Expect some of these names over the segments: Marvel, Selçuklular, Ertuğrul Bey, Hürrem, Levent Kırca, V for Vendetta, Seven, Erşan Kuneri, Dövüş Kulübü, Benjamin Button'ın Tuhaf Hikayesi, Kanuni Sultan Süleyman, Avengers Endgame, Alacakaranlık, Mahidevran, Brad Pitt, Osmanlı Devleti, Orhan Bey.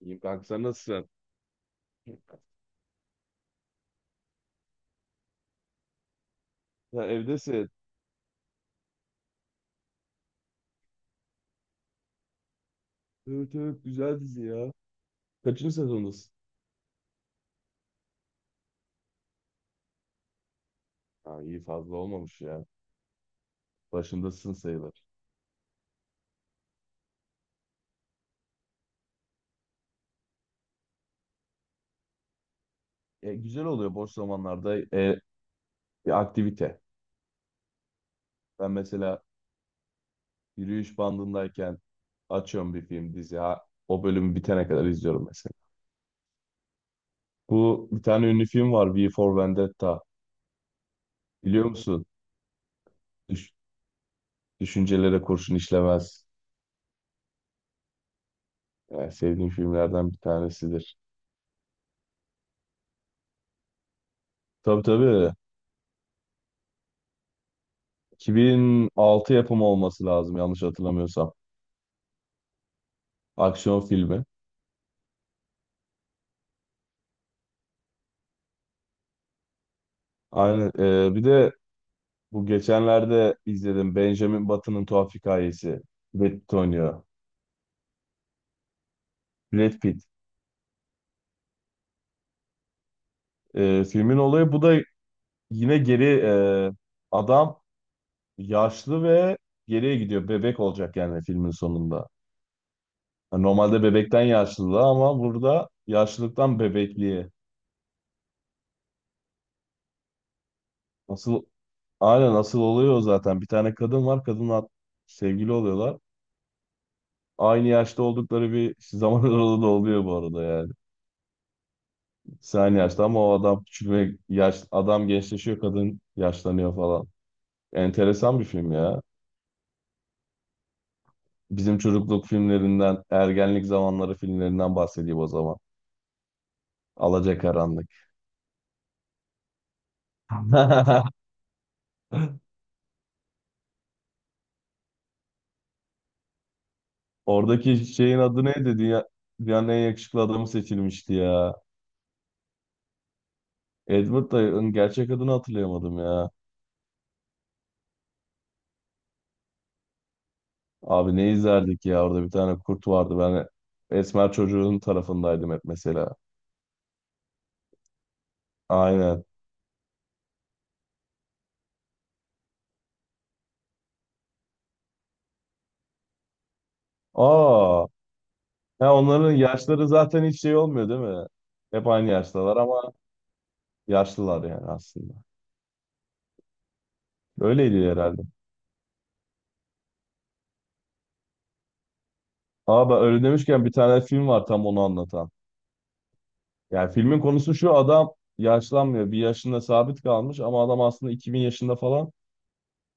İyiyim kanka sen nasılsın? Sen evdesin. Evet, evet, güzel dizi ya. Kaçıncı sezondasın? Ha, iyi fazla olmamış ya. Başındasın sayılır. Güzel oluyor boş zamanlarda bir aktivite. Ben mesela yürüyüş bandındayken açıyorum bir film dizi. Ha, o bölümü bitene kadar izliyorum mesela. Bu bir tane ünlü film var V for Vendetta. Biliyor musun? Düş- düşüncelere kurşun işlemez. Yani sevdiğim filmlerden bir tanesidir. Tabii tabii. 2006 yapımı olması lazım yanlış hatırlamıyorsam. Aksiyon filmi. Aynen. Bir de bu geçenlerde izledim Benjamin Button'ın Tuhaf Hikayesi. Brad Pitt oynuyor. Brad Pitt. Filmin olayı bu da yine geri adam yaşlı ve geriye gidiyor. Bebek olacak yani filmin sonunda. Yani normalde bebekten yaşlılığa ama burada yaşlılıktan bebekliğe. Asıl aynen asıl oluyor o zaten. Bir tane kadın var. Kadınla sevgili oluyorlar. Aynı yaşta oldukları bir zaman aralığı da oluyor bu arada yani. Sen aynı yaşta ama o adam küçülme yaş adam gençleşiyor, kadın yaşlanıyor falan. Enteresan bir film ya. Bizim çocukluk filmlerinden, ergenlik zamanları filmlerinden bahsedeyim o zaman. Alacakaranlık. Oradaki şeyin adı neydi? Dünyanın en yakışıklı adamı seçilmişti ya. Edward Dayı'nın gerçek adını hatırlayamadım ya. Abi ne izlerdik ya, orada bir tane kurt vardı. Ben esmer çocuğun tarafındaydım hep mesela. Aynen. Aa, ya onların yaşları zaten hiç şey olmuyor değil mi? Hep aynı yaştalar ama yaşlılar yani aslında. Öyleydi herhalde. Aa, ben öyle demişken bir tane film var tam onu anlatan. Yani filmin konusu şu, adam yaşlanmıyor. Bir yaşında sabit kalmış ama adam aslında 2000 yaşında falan.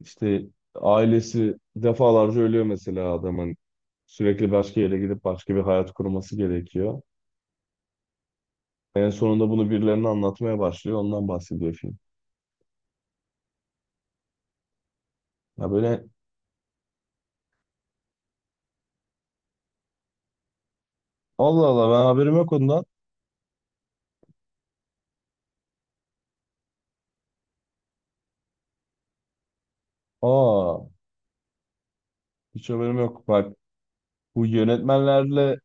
İşte ailesi defalarca ölüyor mesela adamın. Sürekli başka yere gidip başka bir hayat kurması gerekiyor. En sonunda bunu birilerine anlatmaya başlıyor. Ondan bahsediyor film. Ya böyle. Allah Allah, ben haberim yok ondan. Aa, hiç haberim yok. Bak, bu yönetmenlerle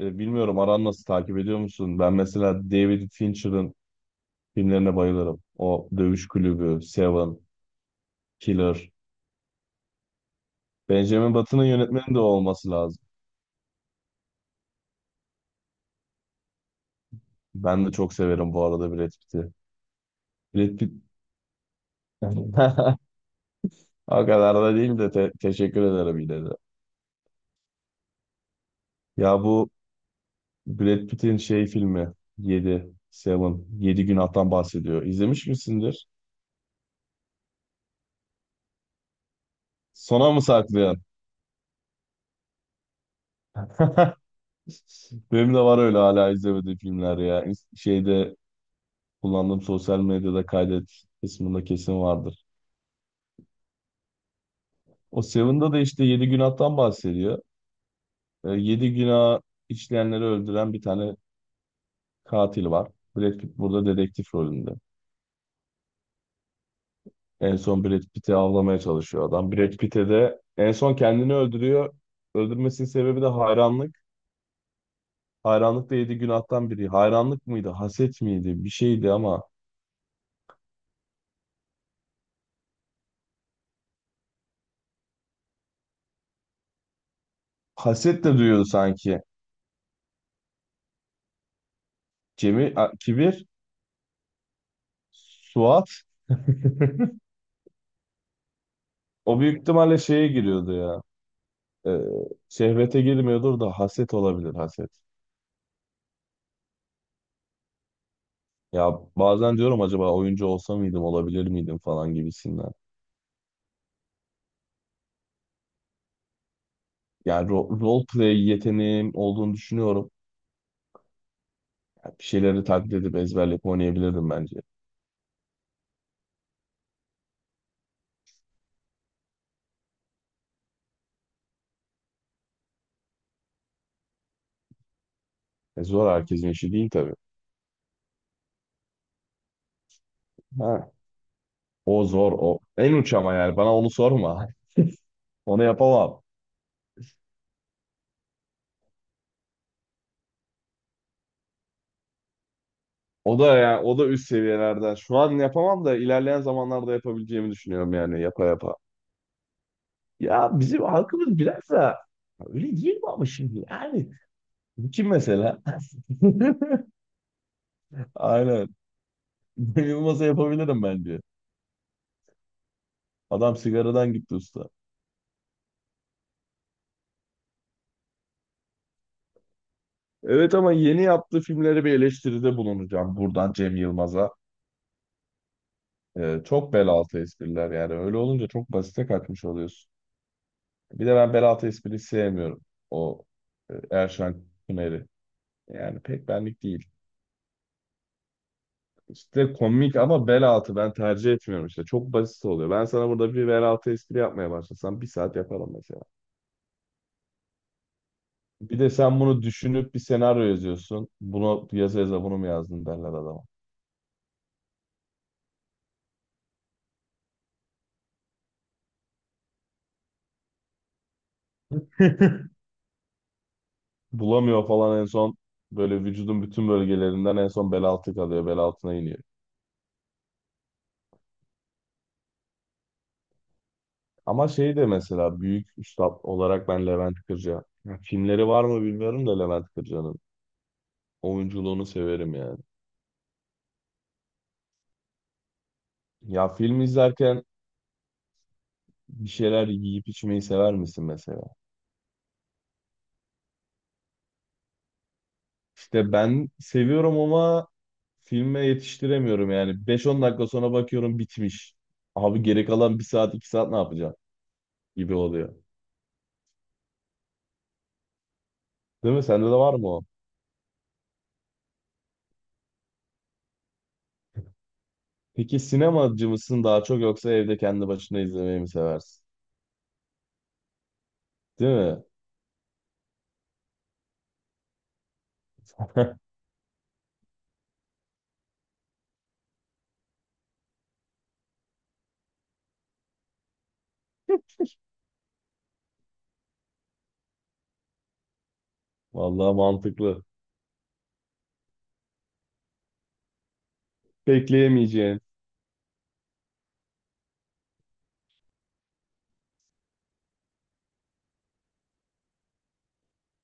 bilmiyorum, aran nasıl, takip ediyor musun? Ben mesela David Fincher'ın filmlerine bayılırım. O Dövüş Kulübü, Seven, Killer. Benjamin Button'ın yönetmeni de o olması lazım. Ben de çok severim bu arada Brad Pitt'i. Brad Pitt o kadar da değil de teşekkür ederim yine de. Ya bu Brad Pitt'in şey filmi 7, Seven, 7 günahtan bahsediyor. İzlemiş misindir? Sona mı saklıyor? Benim de var öyle hala izlemediğim filmler ya. Şeyde kullandığım sosyal medyada kaydet kısmında kesin vardır. O Seven'da da işte yedi günahtan bahsediyor. Yedi günah işleyenleri öldüren bir tane katil var. Brad Pitt burada dedektif rolünde. En son Brad Pitt'i avlamaya çalışıyor adam. Brad Pitt'e de en son kendini öldürüyor. Öldürmesinin sebebi de hayranlık. Hayranlık da yedi günahtan biri. Hayranlık mıydı, haset miydi? Bir şeydi ama haset de duyuyordu sanki. Cemil, kibir, Suat. O büyük ihtimalle şeye giriyordu ya. Ee, şehvete girmiyordur da haset olabilir, haset. Ya bazen diyorum, acaba oyuncu olsa mıydım, olabilir miydim falan gibisinden. Yani role play yeteneğim olduğunu düşünüyorum. Ya bir şeyleri taklit edip ezberleyip oynayabilirdim bence. Zor herkesin işi değil tabii. Ha. O zor o. En uç ama, yani bana onu sorma. Onu yapamam. O da yani o da üst seviyelerden. Şu an yapamam da ilerleyen zamanlarda yapabileceğimi düşünüyorum yani, yapa yapa. Ya bizim halkımız biraz da öyle değil mi ama, şimdi yani kim mesela? Aynen. Cem Yılmaz'a yapabilirim bence. Adam sigaradan gitti usta. Evet ama yeni yaptığı filmlere bir eleştiride bulunacağım buradan Cem Yılmaz'a. Çok bel altı espriler yani. Öyle olunca çok basite kaçmış oluyorsun. Bir de ben bel altı espriyi sevmiyorum. O Erşan Kuneri. Yani pek benlik değil. İşte komik ama bel altı ben tercih etmiyorum işte. Çok basit oluyor. Ben sana burada bir bel altı espri yapmaya başlasam bir saat yaparım mesela. Bir de sen bunu düşünüp bir senaryo yazıyorsun. Bunu yaza yaza bunu mu yazdın derler adama. Bulamıyor falan, en son böyle vücudun bütün bölgelerinden, en son bel altı kalıyor. Bel altına iniyor. Ama şey de mesela büyük üstad olarak ben Levent Kırca. Ya filmleri var mı bilmiyorum da Levent Kırca'nın. Oyunculuğunu severim yani. Ya film izlerken bir şeyler yiyip içmeyi sever misin mesela? İşte ben seviyorum ama filme yetiştiremiyorum yani. Beş on dakika sonra bakıyorum bitmiş. Abi geri kalan bir saat 2 saat ne yapacağım gibi oluyor. Değil mi? Sende de var mı o? Peki sinemacı mısın daha çok, yoksa evde kendi başına izlemeyi mi seversin? Değil mi? Vallahi mantıklı. Bekleyemeyeceğin.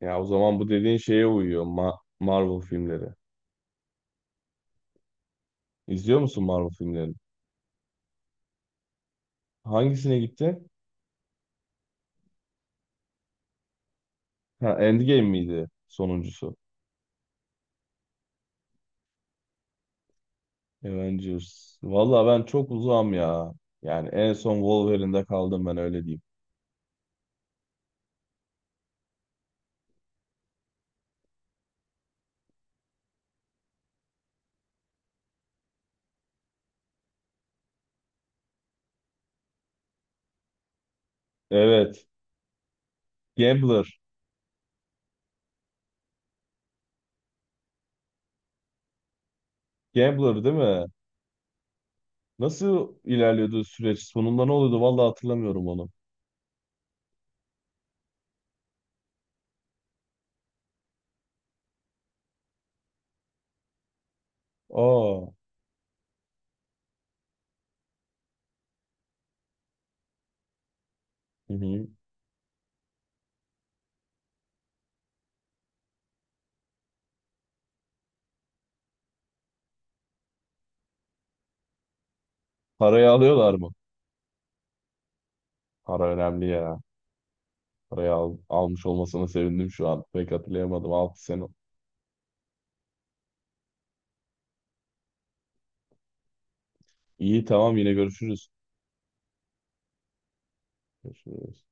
Ya o zaman bu dediğin şeye uyuyor. Marvel filmleri. İzliyor musun Marvel filmlerini? Hangisine gitti? Ha, Endgame miydi sonuncusu? Avengers. Valla ben çok uzağım ya. Yani en son Wolverine'de kaldım, ben öyle diyeyim. Evet. Gambler. Gambler değil mi? Nasıl ilerliyordu süreç? Sonunda ne oluyordu? Valla hatırlamıyorum onu. Aa. Hı hı. Parayı alıyorlar mı? Para önemli ya. Parayı almış olmasına sevindim şu an. Pek hatırlayamadım. 6 sene. İyi tamam, yine görüşürüz. Görüşürüz.